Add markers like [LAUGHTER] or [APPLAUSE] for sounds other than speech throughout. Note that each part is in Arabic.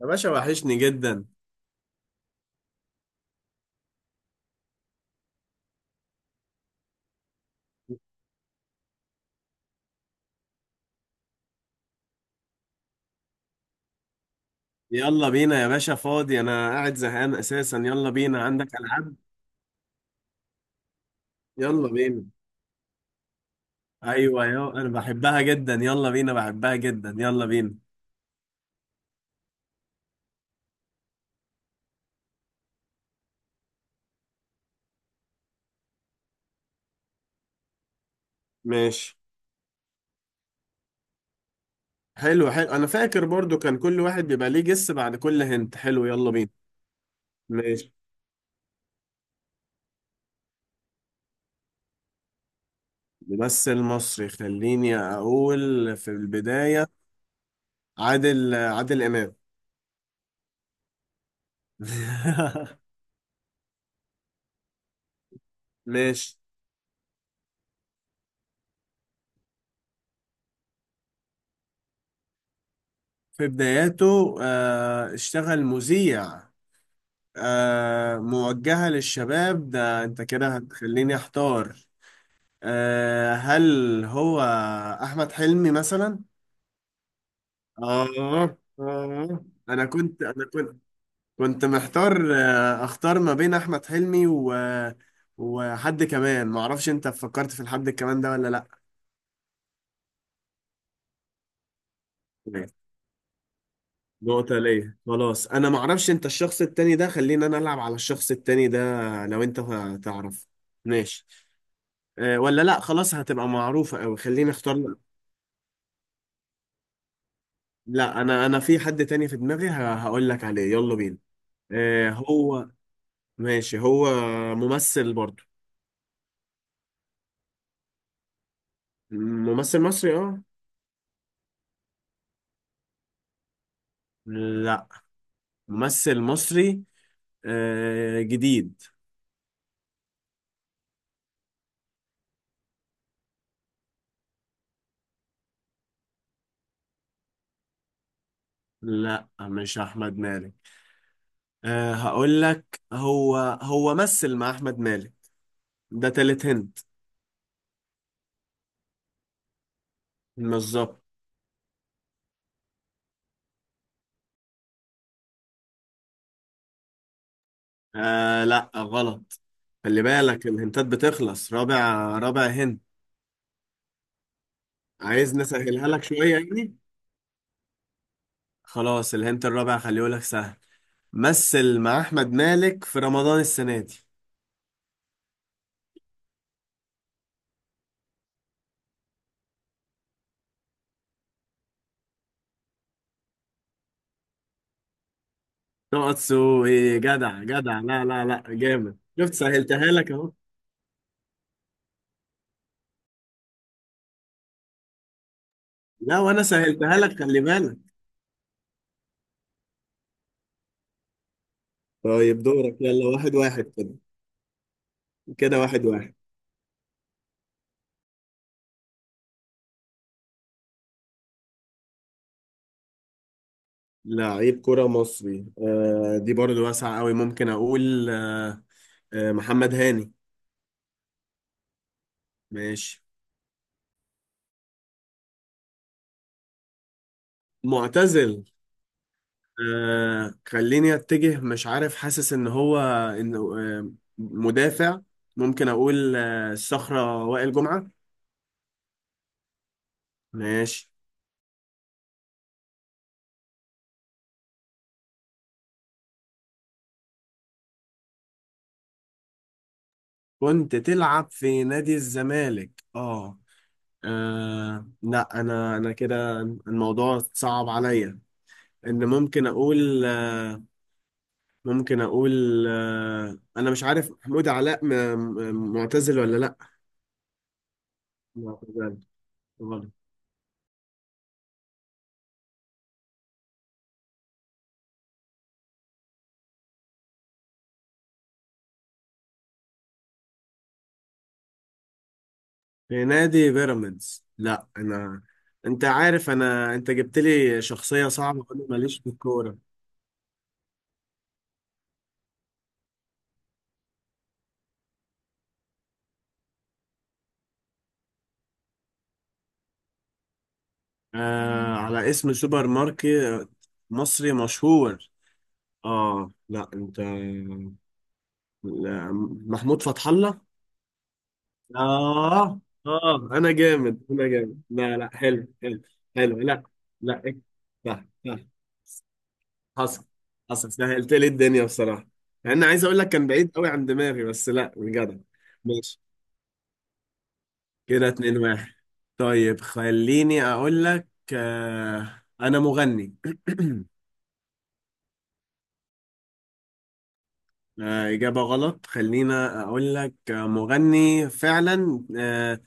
يا باشا، وحشني جدا. يلا بينا يا باشا، فاضي، انا قاعد زهقان اساسا. يلا بينا، عندك العاب؟ يلا بينا. ايوه يا، انا بحبها جدا، يلا بينا، بحبها جدا، يلا بينا. ماشي. حلو حلو، انا فاكر برضو كان كل واحد بيبقى ليه جس بعد كل هنت. حلو، يلا بينا. ماشي. ممثل مصري، خليني اقول في البداية. عادل عادل امام. [LAUGHS] ماشي. في بداياته اشتغل مذيع. موجهة للشباب؟ ده انت كده هتخليني احتار. هل هو احمد حلمي مثلا؟ آه. آه أنا كنت أنا كنت كنت محتار، أختار ما بين أحمد حلمي وحد كمان، معرفش أنت فكرت في الحد كمان ده ولا لأ. تمام. نقطة ليا. خلاص، أنا معرفش أنت الشخص التاني ده، خلينا أنا ألعب على الشخص التاني ده. لو أنت تعرف. ماشي. أه ولا لأ، خلاص هتبقى معروفة أوي، خليني أختار. لا، انا في حد تاني في دماغي، هقول لك عليه. يلا بينا. آه هو. ماشي. هو ممثل برضو. ممثل مصري، اه. لا، ممثل مصري آه، جديد. لا مش احمد مالك. آه هقول لك، هو مثل مع احمد مالك. ده تالت هنت. بالظبط. آه لا غلط. خلي بالك، الهنتات بتخلص. رابع. رابع هنت. عايز نسهلها لك شوية يعني. خلاص الهنت الرابع خليه لك سهل. مثل مع احمد مالك في رمضان السنه دي. نقطسو ايه؟ جدع جدع. لا لا لا، جامد، شفت سهلتها لك اهو. لا وانا سهلتها لك، خلي بالك. طيب دورك، يلا واحد واحد كده، كده واحد واحد. لعيب كرة مصري، آه، دي برضو واسعة قوي. ممكن أقول آه، محمد هاني. ماشي. معتزل. خليني أتجه، مش عارف، حاسس إن هو إنه آه مدافع. ممكن أقول الصخرة وائل جمعة. ماشي. كنت تلعب في نادي الزمالك، اه. لا، انا كده الموضوع صعب عليا. ممكن اقول، ممكن اقول انا مش عارف محمود علاء معتزل ولا لا. معتزل. غلط. في نادي بيراميدز. لا انا، انت عارف، انت جبت لي شخصية صعبة وانا ماليش في الكورة. آه على اسم سوبر ماركت مصري مشهور. اه لا انت، لا، محمود فتح الله. اه. اه، انا جامد انا جامد. لا لا، حلو حلو حلو. لا لا إيه. صح صح. حصل. حصل، سهلت لي الدنيا بصراحه، مع اني عايز اقول لك كان بعيد قوي عن دماغي، بس لا بجد. ماشي كده اتنين واحد. طيب خليني اقول لك آه، انا مغني. [CLEARS THROAT] آه اجابه غلط. خلينا اقول لك آه، مغني فعلا،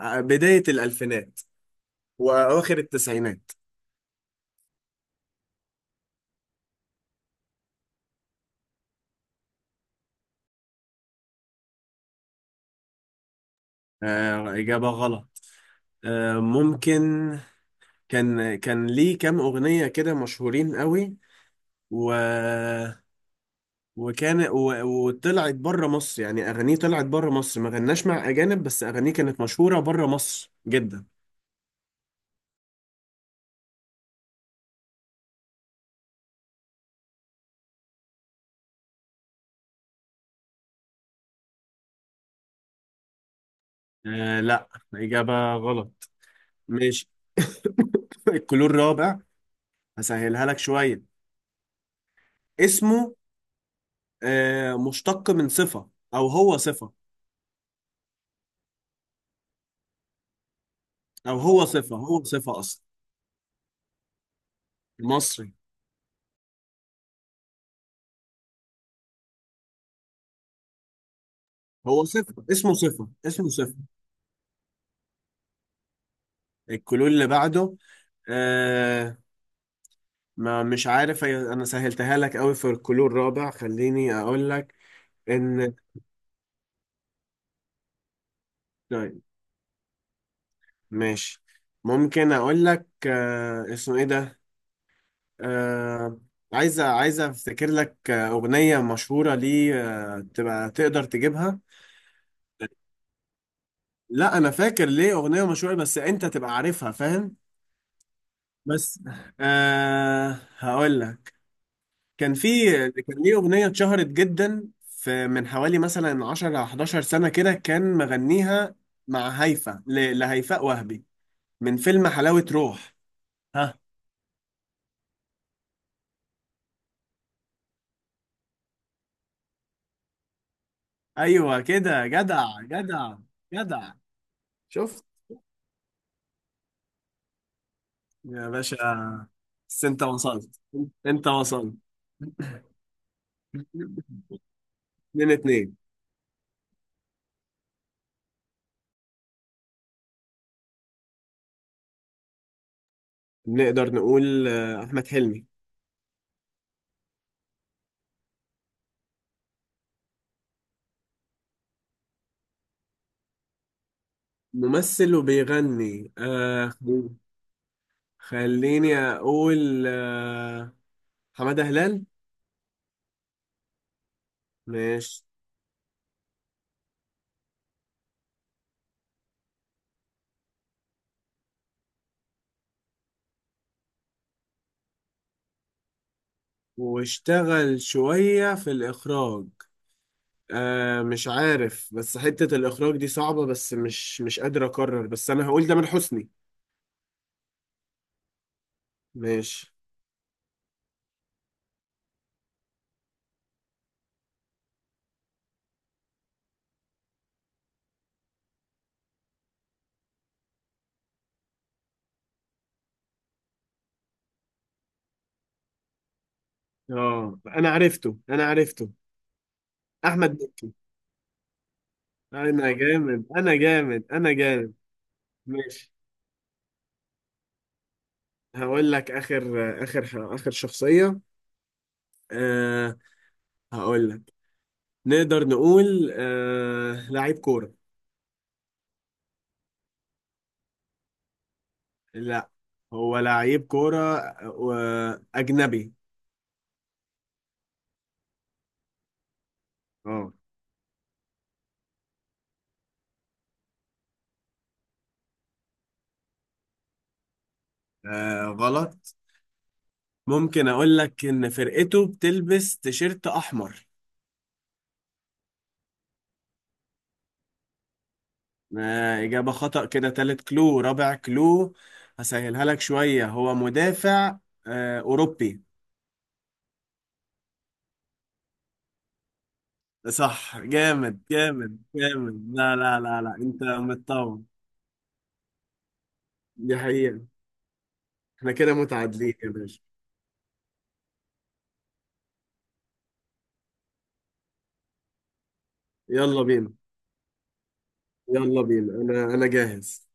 بدايه الالفينات وأواخر التسعينات. آه إجابة غلط. آه ممكن، كان ليه كام أغنية كده مشهورين قوي، و وطلعت بره مصر، يعني أغانيه طلعت بره مصر، ما غناش مع أجانب، بس أغانيه كانت مشهورة بره مصر جدا. آه لا، إجابة غلط. ماشي. [LAUGHS] الكلور الرابع، هسهلها لك شوية. اسمه آه مشتق من صفة أو هو صفة. أو هو صفة، هو صفة أصلا. مصري. هو صفر، اسمه صفر، اسمه صفر. الكلور اللي بعده. آه، ما مش عارف انا سهلتها لك قوي في الكلور الرابع. خليني اقول لك ان. طيب. ماشي. ممكن اقول لك آه اسمه ايه ده، آه عايزه عايزه افتكر لك آه، اغنيه مشهوره ليه، آه تبقى تقدر تجيبها. لا انا فاكر ليه اغنيه مشهوره، بس انت تبقى عارفها، فاهم؟ بس آه هقول لك، كان في كان ليه أغنية اتشهرت جدا في، من حوالي مثلا 10 أو 11 سنة كده، كان مغنيها مع هيفا، لهيفاء وهبي، من فيلم حلاوة روح. ها. أيوة كده جدع جدع جدع. شفت يا باشا؟ بس أنت وصلت، أنت وصلت. اتنين اتنين. نقدر نقول آه، أحمد حلمي. ممثل وبيغني، آه خليني أقول آه، حمادة هلال. ماشي، واشتغل شوية في الإخراج. آه مش عارف، بس حتة الإخراج دي صعبة، بس مش قادر أقرر، بس أنا هقول ده من حسني. ماشي. اه أنا عرفته أنا عرفته، أحمد مكي. أنا جامد أنا جامد أنا جامد. ماشي. هقول لك آخر آخر آخر شخصية آه. هقول لك، نقدر نقول آه لعيب كورة. لا، هو لعيب كورة آه، أجنبي. اه. آه غلط. ممكن اقول لك ان فرقته بتلبس تيشيرت احمر. آه، اجابة خطأ. كده تالت كلو رابع كلو، هسهلها لك شوية. هو مدافع آه، اوروبي. صح. جامد جامد جامد. لا لا لا لا، انت متطور. دي حقيقة. احنا كده متعادلين يا باشا. يلا بينا. يلا بينا، انا جاهز.